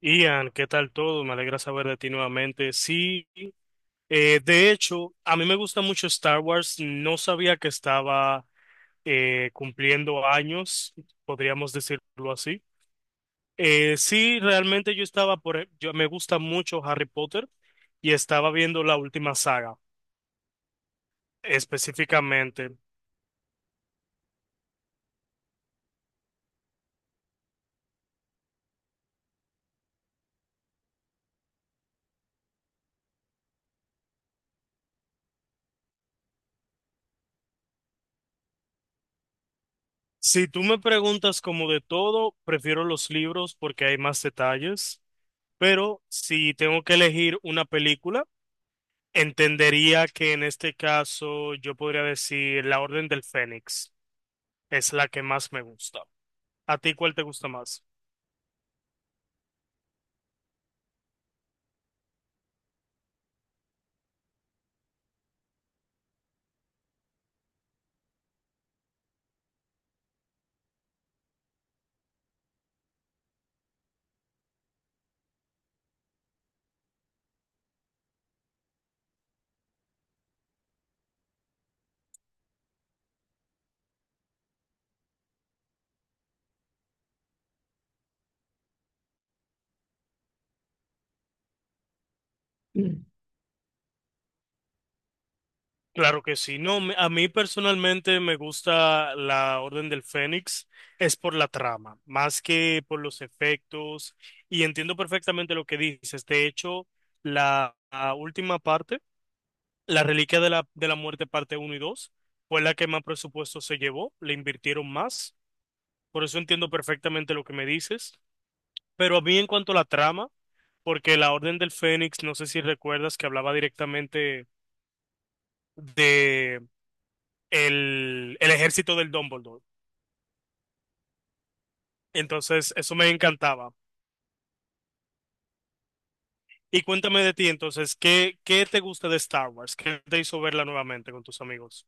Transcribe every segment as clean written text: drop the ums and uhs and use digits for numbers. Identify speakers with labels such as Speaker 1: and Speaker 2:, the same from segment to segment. Speaker 1: Ian, ¿qué tal todo? Me alegra saber de ti nuevamente. Sí, de hecho, a mí me gusta mucho Star Wars. No sabía que estaba cumpliendo años, podríamos decirlo así. Sí, realmente yo estaba por, yo me gusta mucho Harry Potter y estaba viendo la última saga específicamente. Si tú me preguntas como de todo, prefiero los libros porque hay más detalles, pero si tengo que elegir una película, entendería que en este caso yo podría decir la Orden del Fénix es la que más me gusta. ¿A ti cuál te gusta más? Claro que sí. No, a mí personalmente me gusta la Orden del Fénix. Es por la trama, más que por los efectos. Y entiendo perfectamente lo que dices. De hecho, la última parte, la Reliquia de la Muerte parte uno y 2, fue la que más presupuesto se llevó. Le invirtieron más. Por eso entiendo perfectamente lo que me dices. Pero a mí en cuanto a la trama, porque la Orden del Fénix, no sé si recuerdas que hablaba directamente de el ejército del Dumbledore. Entonces, eso me encantaba. Y cuéntame de ti, entonces, ¿qué te gusta de Star Wars? ¿Qué te hizo verla nuevamente con tus amigos?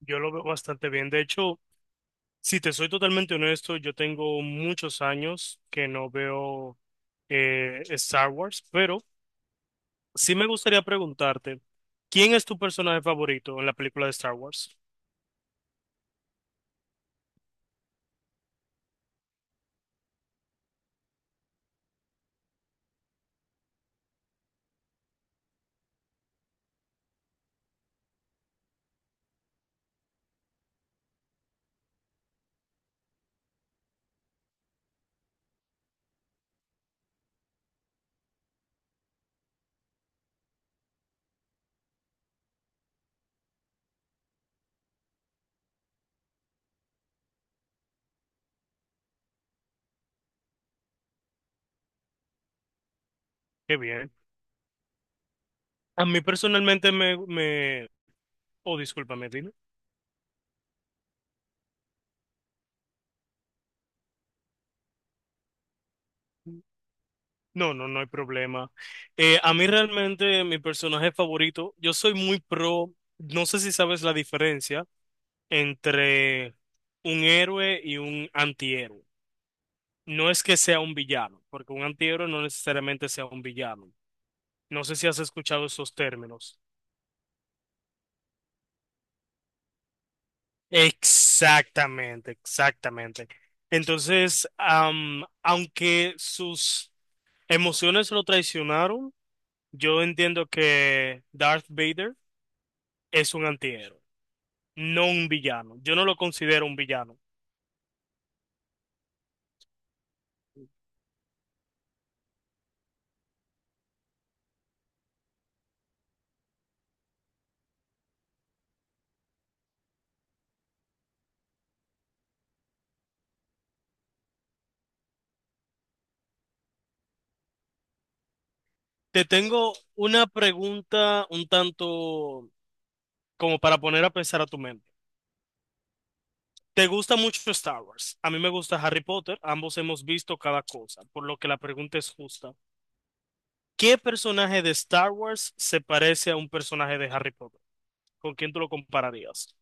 Speaker 1: Yo lo veo bastante bien. De hecho, si te soy totalmente honesto, yo tengo muchos años que no veo Star Wars, pero sí me gustaría preguntarte, ¿quién es tu personaje favorito en la película de Star Wars? Qué bien. A mí personalmente me... Oh, discúlpame, dime. No, no, no hay problema. A mí realmente mi personaje favorito, yo soy muy pro, no sé si sabes la diferencia entre un héroe y un antihéroe. No es que sea un villano, porque un antihéroe no necesariamente sea un villano. No sé si has escuchado esos términos. Exactamente, exactamente. Entonces, aunque sus emociones lo traicionaron, yo entiendo que Darth Vader es un antihéroe, no un villano. Yo no lo considero un villano. Te tengo una pregunta un tanto como para poner a pensar a tu mente. ¿Te gusta mucho Star Wars? A mí me gusta Harry Potter. Ambos hemos visto cada cosa, por lo que la pregunta es justa. ¿Qué personaje de Star Wars se parece a un personaje de Harry Potter? ¿Con quién tú lo compararías?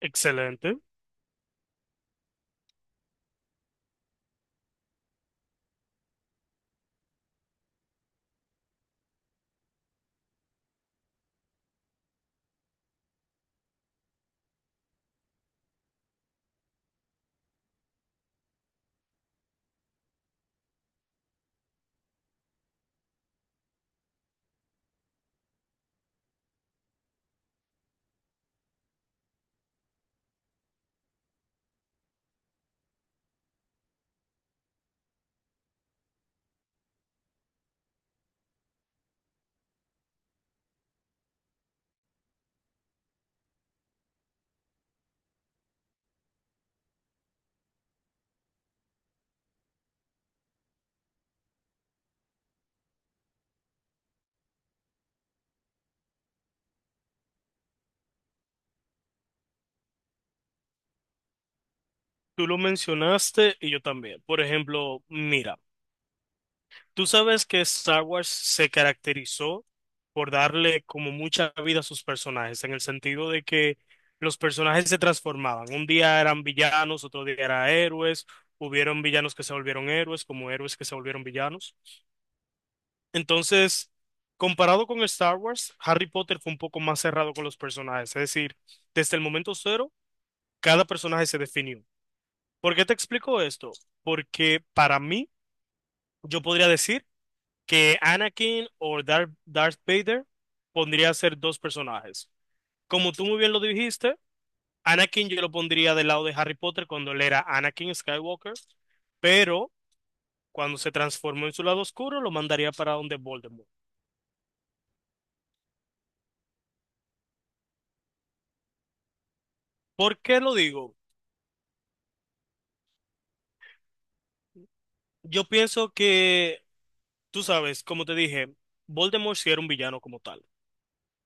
Speaker 1: Excelente. Tú lo mencionaste y yo también. Por ejemplo, mira. Tú sabes que Star Wars se caracterizó por darle como mucha vida a sus personajes, en el sentido de que los personajes se transformaban. Un día eran villanos, otro día eran héroes, hubieron villanos que se volvieron héroes, como héroes que se volvieron villanos. Entonces, comparado con Star Wars, Harry Potter fue un poco más cerrado con los personajes, es decir, desde el momento cero, cada personaje se definió. ¿Por qué te explico esto? Porque para mí, yo podría decir que Anakin o Darth Vader pondría a ser dos personajes. Como tú muy bien lo dijiste, Anakin yo lo pondría del lado de Harry Potter cuando él era Anakin Skywalker, pero cuando se transformó en su lado oscuro lo mandaría para donde Voldemort. ¿Por qué lo digo? Yo pienso que, tú sabes, como te dije, Voldemort sí era un villano como tal.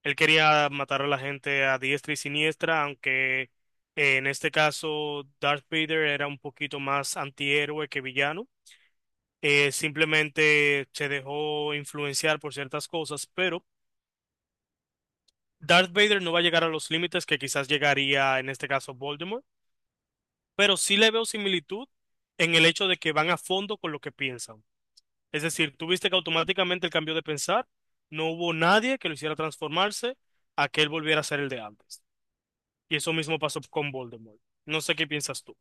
Speaker 1: Él quería matar a la gente a diestra y siniestra, aunque en este caso Darth Vader era un poquito más antihéroe que villano. Simplemente se dejó influenciar por ciertas cosas, pero Darth Vader no va a llegar a los límites que quizás llegaría en este caso Voldemort, pero sí le veo similitud en el hecho de que van a fondo con lo que piensan. Es decir, tuviste que automáticamente el cambio de pensar, no hubo nadie que lo hiciera transformarse a que él volviera a ser el de antes. Y eso mismo pasó con Voldemort. No sé qué piensas tú.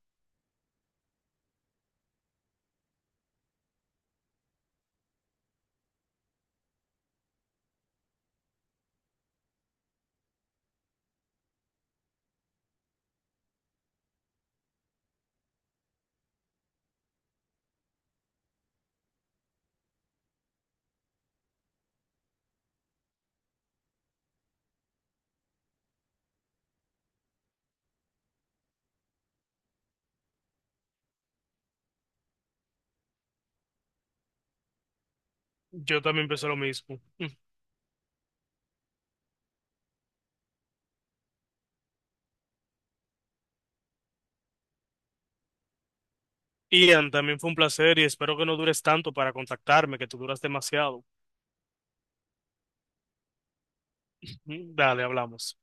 Speaker 1: Yo también pensé lo mismo. Mm. Ian, también fue un placer y espero que no dures tanto para contactarme, que tú duras demasiado. Dale, hablamos.